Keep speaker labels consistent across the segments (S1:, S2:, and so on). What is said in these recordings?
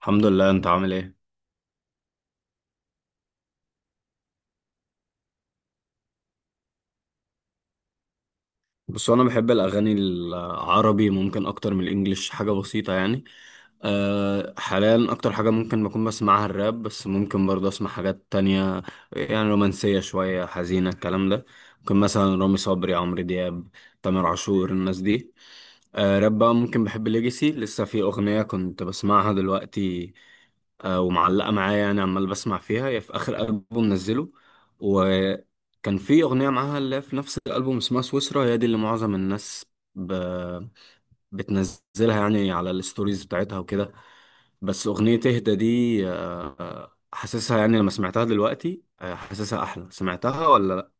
S1: الحمد لله، انت عامل ايه؟ بس انا بحب الاغاني العربي ممكن اكتر من الانجليش، حاجه بسيطه يعني. حاليا اكتر حاجه ممكن بكون بسمعها الراب، بس ممكن برضه اسمع حاجات تانية. يعني رومانسيه شويه، حزينه، الكلام ده. ممكن مثلا رامي صبري، عمرو دياب، تامر عاشور، الناس دي. راب بقى، ممكن بحب ليجاسي، لسه في اغنيه كنت بسمعها دلوقتي. ومعلقه معايا يعني، عمال بسمع فيها، هي في اخر البوم نزله. كان في أغنية معاها اللي هي في نفس الألبوم، اسمها سويسرا. هي دي اللي معظم الناس ب... بتنزلها يعني على الستوريز بتاعتها وكده. بس أغنية اهدى دي، حاسسها يعني، لما سمعتها دلوقتي، حاسسها أحلى. سمعتها ولا لأ؟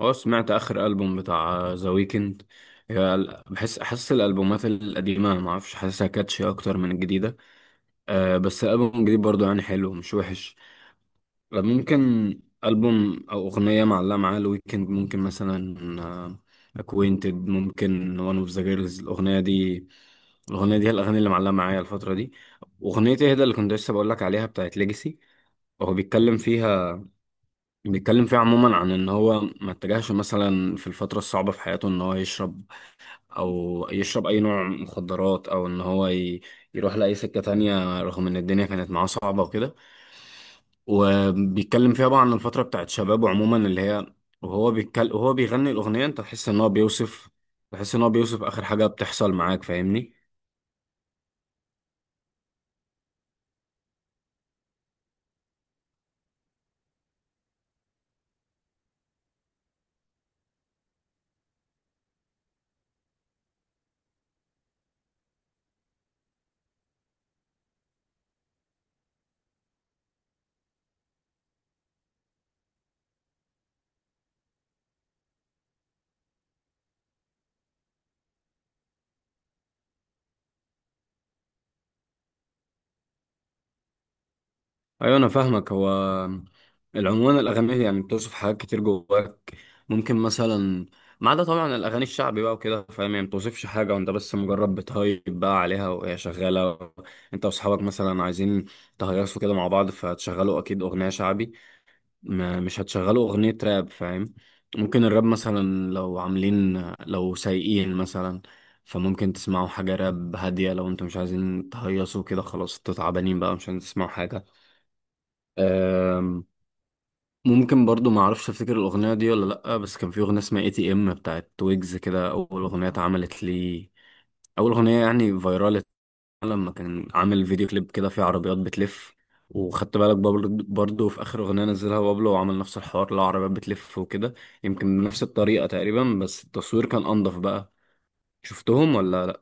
S1: أه، سمعت آخر ألبوم بتاع ذا ويكند. أحس الألبومات القديمة، معرفش، حاسسها كاتشي أكتر من الجديدة. بس الألبوم الجديد برضو يعني حلو، مش وحش. ممكن. ألبوم أو أغنية معلقة معاه الويكند، ممكن مثلا آه، أكوينتد، ممكن وان اوف ذا جيرلز، الأغنية دي. الأغنية دي هي الأغاني اللي معلقة معايا الفترة دي. أغنية إيه ده اللي كنت لسه بقولك عليها، بتاعت ليجاسي. هو بيتكلم فيها عموما عن إن هو ما اتجهش مثلا في الفترة الصعبة في حياته، إن هو يشرب او يشرب اي نوع مخدرات، او ان هو يروح لاي سكة تانية، رغم ان الدنيا كانت معاه صعبة وكده. وبيتكلم فيها بقى عن الفترة بتاعت شبابه عموما، اللي هي، وهو بيتكلم وهو بيغني الأغنية، انت تحس ان هو بيوصف، تحس ان هو بيوصف اخر حاجة بتحصل معاك، فاهمني؟ ايوه، انا فاهمك. هو العنوان الاغاني يعني بتوصف حاجات كتير جواك. ممكن مثلا ما عدا طبعا الاغاني الشعبي بقى وكده، فاهم؟ يعني ما بتوصفش حاجه، وانت بس مجرد بتهيب بقى عليها وهي شغاله. انت واصحابك مثلا عايزين تهيصوا كده مع بعض، فهتشغلوا اكيد اغنيه شعبي، ما مش هتشغلوا اغنيه راب، فاهم؟ ممكن الراب مثلا، لو سايقين مثلا، فممكن تسمعوا حاجه راب هاديه. لو انتوا مش عايزين تهيصوا كده، خلاص انتوا تعبانين بقى، مش عايزين تسمعوا حاجه. أم، ممكن برضو، ما اعرفش افتكر الاغنيه دي ولا لا، بس كان في اغنيه اسمها اي تي ام بتاعت ويجز كده، اول اغنيه اتعملت لي، اول اغنيه يعني فايرال، لما كان عامل فيديو كليب كده فيه عربيات بتلف. وخدت بالك برضو في اخر اغنيه نزلها بابلو وعمل نفس الحوار، لو عربيات بتلف وكده، يمكن بنفس الطريقه تقريبا، بس التصوير كان انضف بقى. شفتهم ولا؟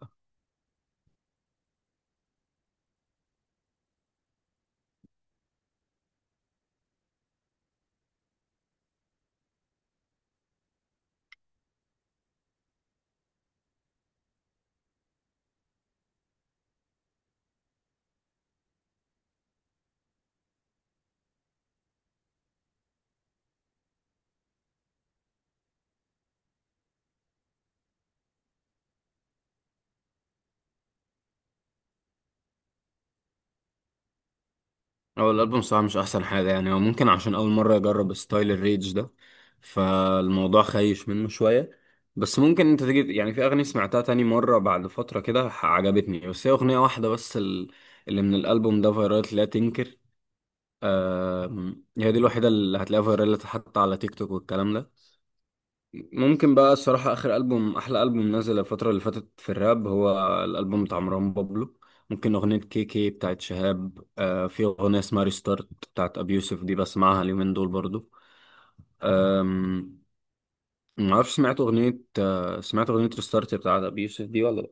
S1: هو الألبوم صراحة مش أحسن حاجة، يعني هو ممكن عشان أول مرة أجرب ستايل الريدج ده، فالموضوع خايش منه شوية. بس ممكن أنت تيجي يعني، في أغاني سمعتها تاني مرة بعد فترة كده عجبتني، بس هي أغنية واحدة بس اللي من الألبوم ده، فيرالت لا تنكر. هي دي الوحيدة اللي هتلاقيها فيرالت حتى على تيك توك والكلام ده. ممكن بقى الصراحة آخر ألبوم، أحلى ألبوم نزل الفترة اللي فاتت في الراب، هو الألبوم بتاع مروان بابلو. ممكن أغنية كي كي بتاعت شهاب. في أغنية اسمها ريستارت بتاعت أبي يوسف دي، بسمعها اليومين دول برضو. آم، معرفش، سمعت أغنية ريستارت بتاعت أبي يوسف دي ولا لأ؟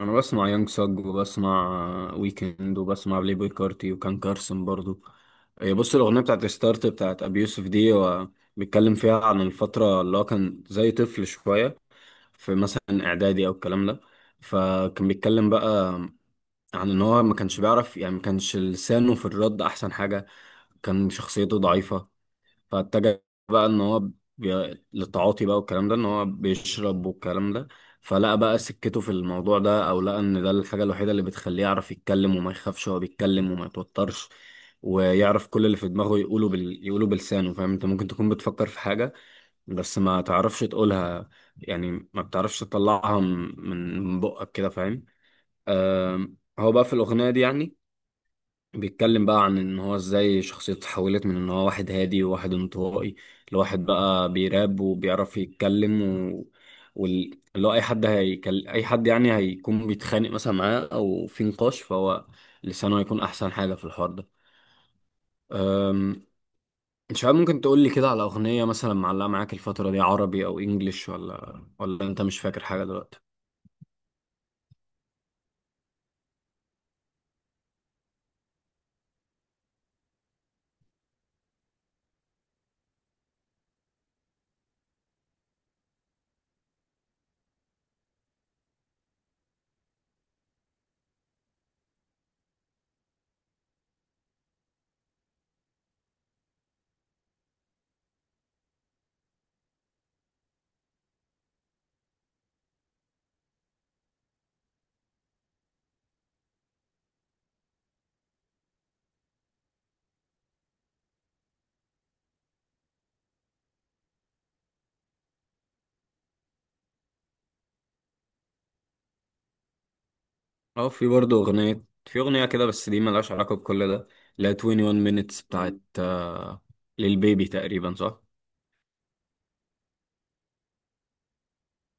S1: أنا بسمع يانج ساج، وبسمع ويكند، وبسمع بلاي بوي كارتي، وكان كارسن برضو. هي بص، الأغنية بتاعت ريستارت بتاعت أبي يوسف دي، هو بيتكلم فيها عن الفترة اللي هو كان زي طفل شوية، في مثلا اعدادي او الكلام ده. فكان بيتكلم بقى عن ان هو ما كانش بيعرف يعني، ما كانش لسانه في الرد احسن حاجة، كان شخصيته ضعيفة. فاتجه بقى ان هو للتعاطي بقى والكلام ده، ان هو بيشرب والكلام ده. فلقى بقى سكته في الموضوع ده، او لقى ان ده الحاجة الوحيدة اللي بتخليه يعرف يتكلم وما يخافش، وهو بيتكلم وما يتوترش، ويعرف كل اللي في دماغه يقوله يقوله بلسانه. فاهم؟ انت ممكن تكون بتفكر في حاجة بس ما تعرفش تقولها، يعني ما بتعرفش تطلعها من بقك كده، فاهم؟ هو بقى في الأغنية دي يعني، بيتكلم بقى عن ان هو ازاي شخصيته اتحولت من ان هو واحد هادي وواحد انطوائي، لواحد بقى بيراب وبيعرف يتكلم. و... اللي هو اي حد يعني هيكون بيتخانق مثلا معاه او في نقاش، فهو لسانه هيكون احسن حاجة في الحوار ده. انت شباب، ممكن تقول لي كده على اغنيه مثلا معلقه معاك الفتره دي، عربي او انجليش، ولا انت مش فاكر حاجه دلوقتي؟ اه، في برضه اغنيه كده، بس دي ملهاش علاقه بكل ده. لا، 21 minutes بتاعت للبيبي تقريبا، صح؟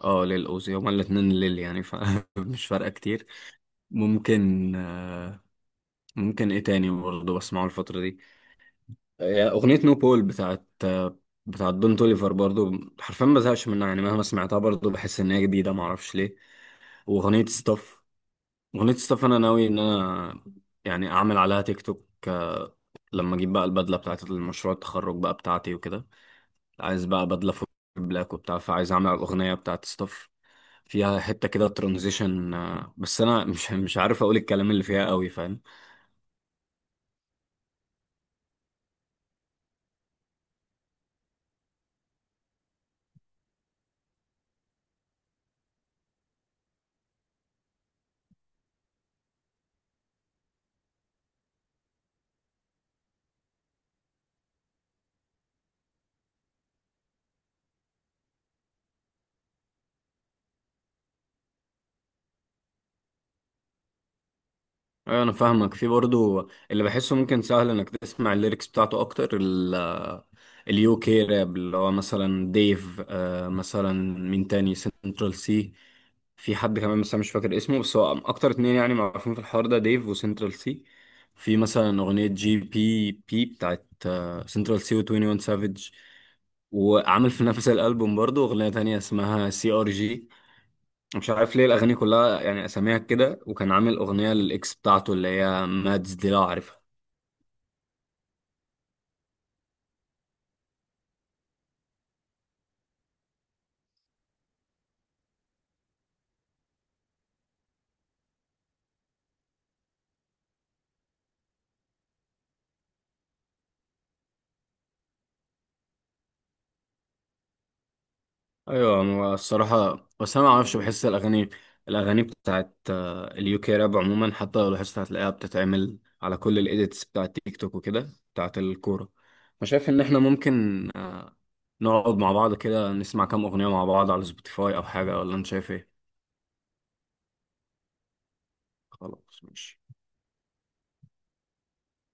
S1: اه، للأوزي، هما الاتنين ليل يعني، فمش فارقه كتير. ممكن. ممكن ايه تاني برضه بسمعه الفتره دي. اغنيه نو بول بتاعت بتاعت دون توليفر برضه، حرفيا ما بزهقش منها يعني، مهما سمعتها برضه بحس ان هي جديده، معرفش ليه. واغنيه ستاف. أغنية ستاف أنا ناوي إن أنا يعني أعمل عليها تيك توك، لما أجيب بقى البدلة بتاعت المشروع التخرج بقى بتاعتي وكده، عايز بقى بدلة فوق بلاك وبتاع، فعايز أعمل على الأغنية بتاعت ستاف، فيها حتة كده ترانزيشن، بس أنا مش مش عارف أقول الكلام اللي فيها قوي. ايوه انا فاهمك. في برضو اللي بحسه، ممكن سهل انك تسمع الليركس بتاعته اكتر، اليو كي راب، اللي هو مثلا ديف، مثلا مين تاني، سنترال سي. في حد كمان بس انا مش فاكر اسمه، بس هو اكتر اتنين يعني معروفين في الحوار ده، ديف وسنترال سي. في مثلا اغنية جي بي بي بتاعت سنترال سي و 21 سافيج. وعامل في نفس الالبوم برضو اغنية تانية اسمها سي ار جي، مش عارف ليه الاغاني كلها يعني اساميها كده. وكان عامل اغنيه للاكس بتاعته اللي هي مادز دي، لو عارفها. ايوه، هو الصراحه بس انا ما اعرفش، بحس الاغاني بتاعت اليو كي راب عموما، حتى لو لاحظت هتلاقيها بتتعمل على كل الايديتس بتاعت تيك توك وكده، بتاعت الكوره. فشايف ان احنا ممكن، نقعد مع بعض كده نسمع كام اغنيه مع بعض على سبوتيفاي او حاجه، ولا انت شايف ايه؟ خلاص، ماشي.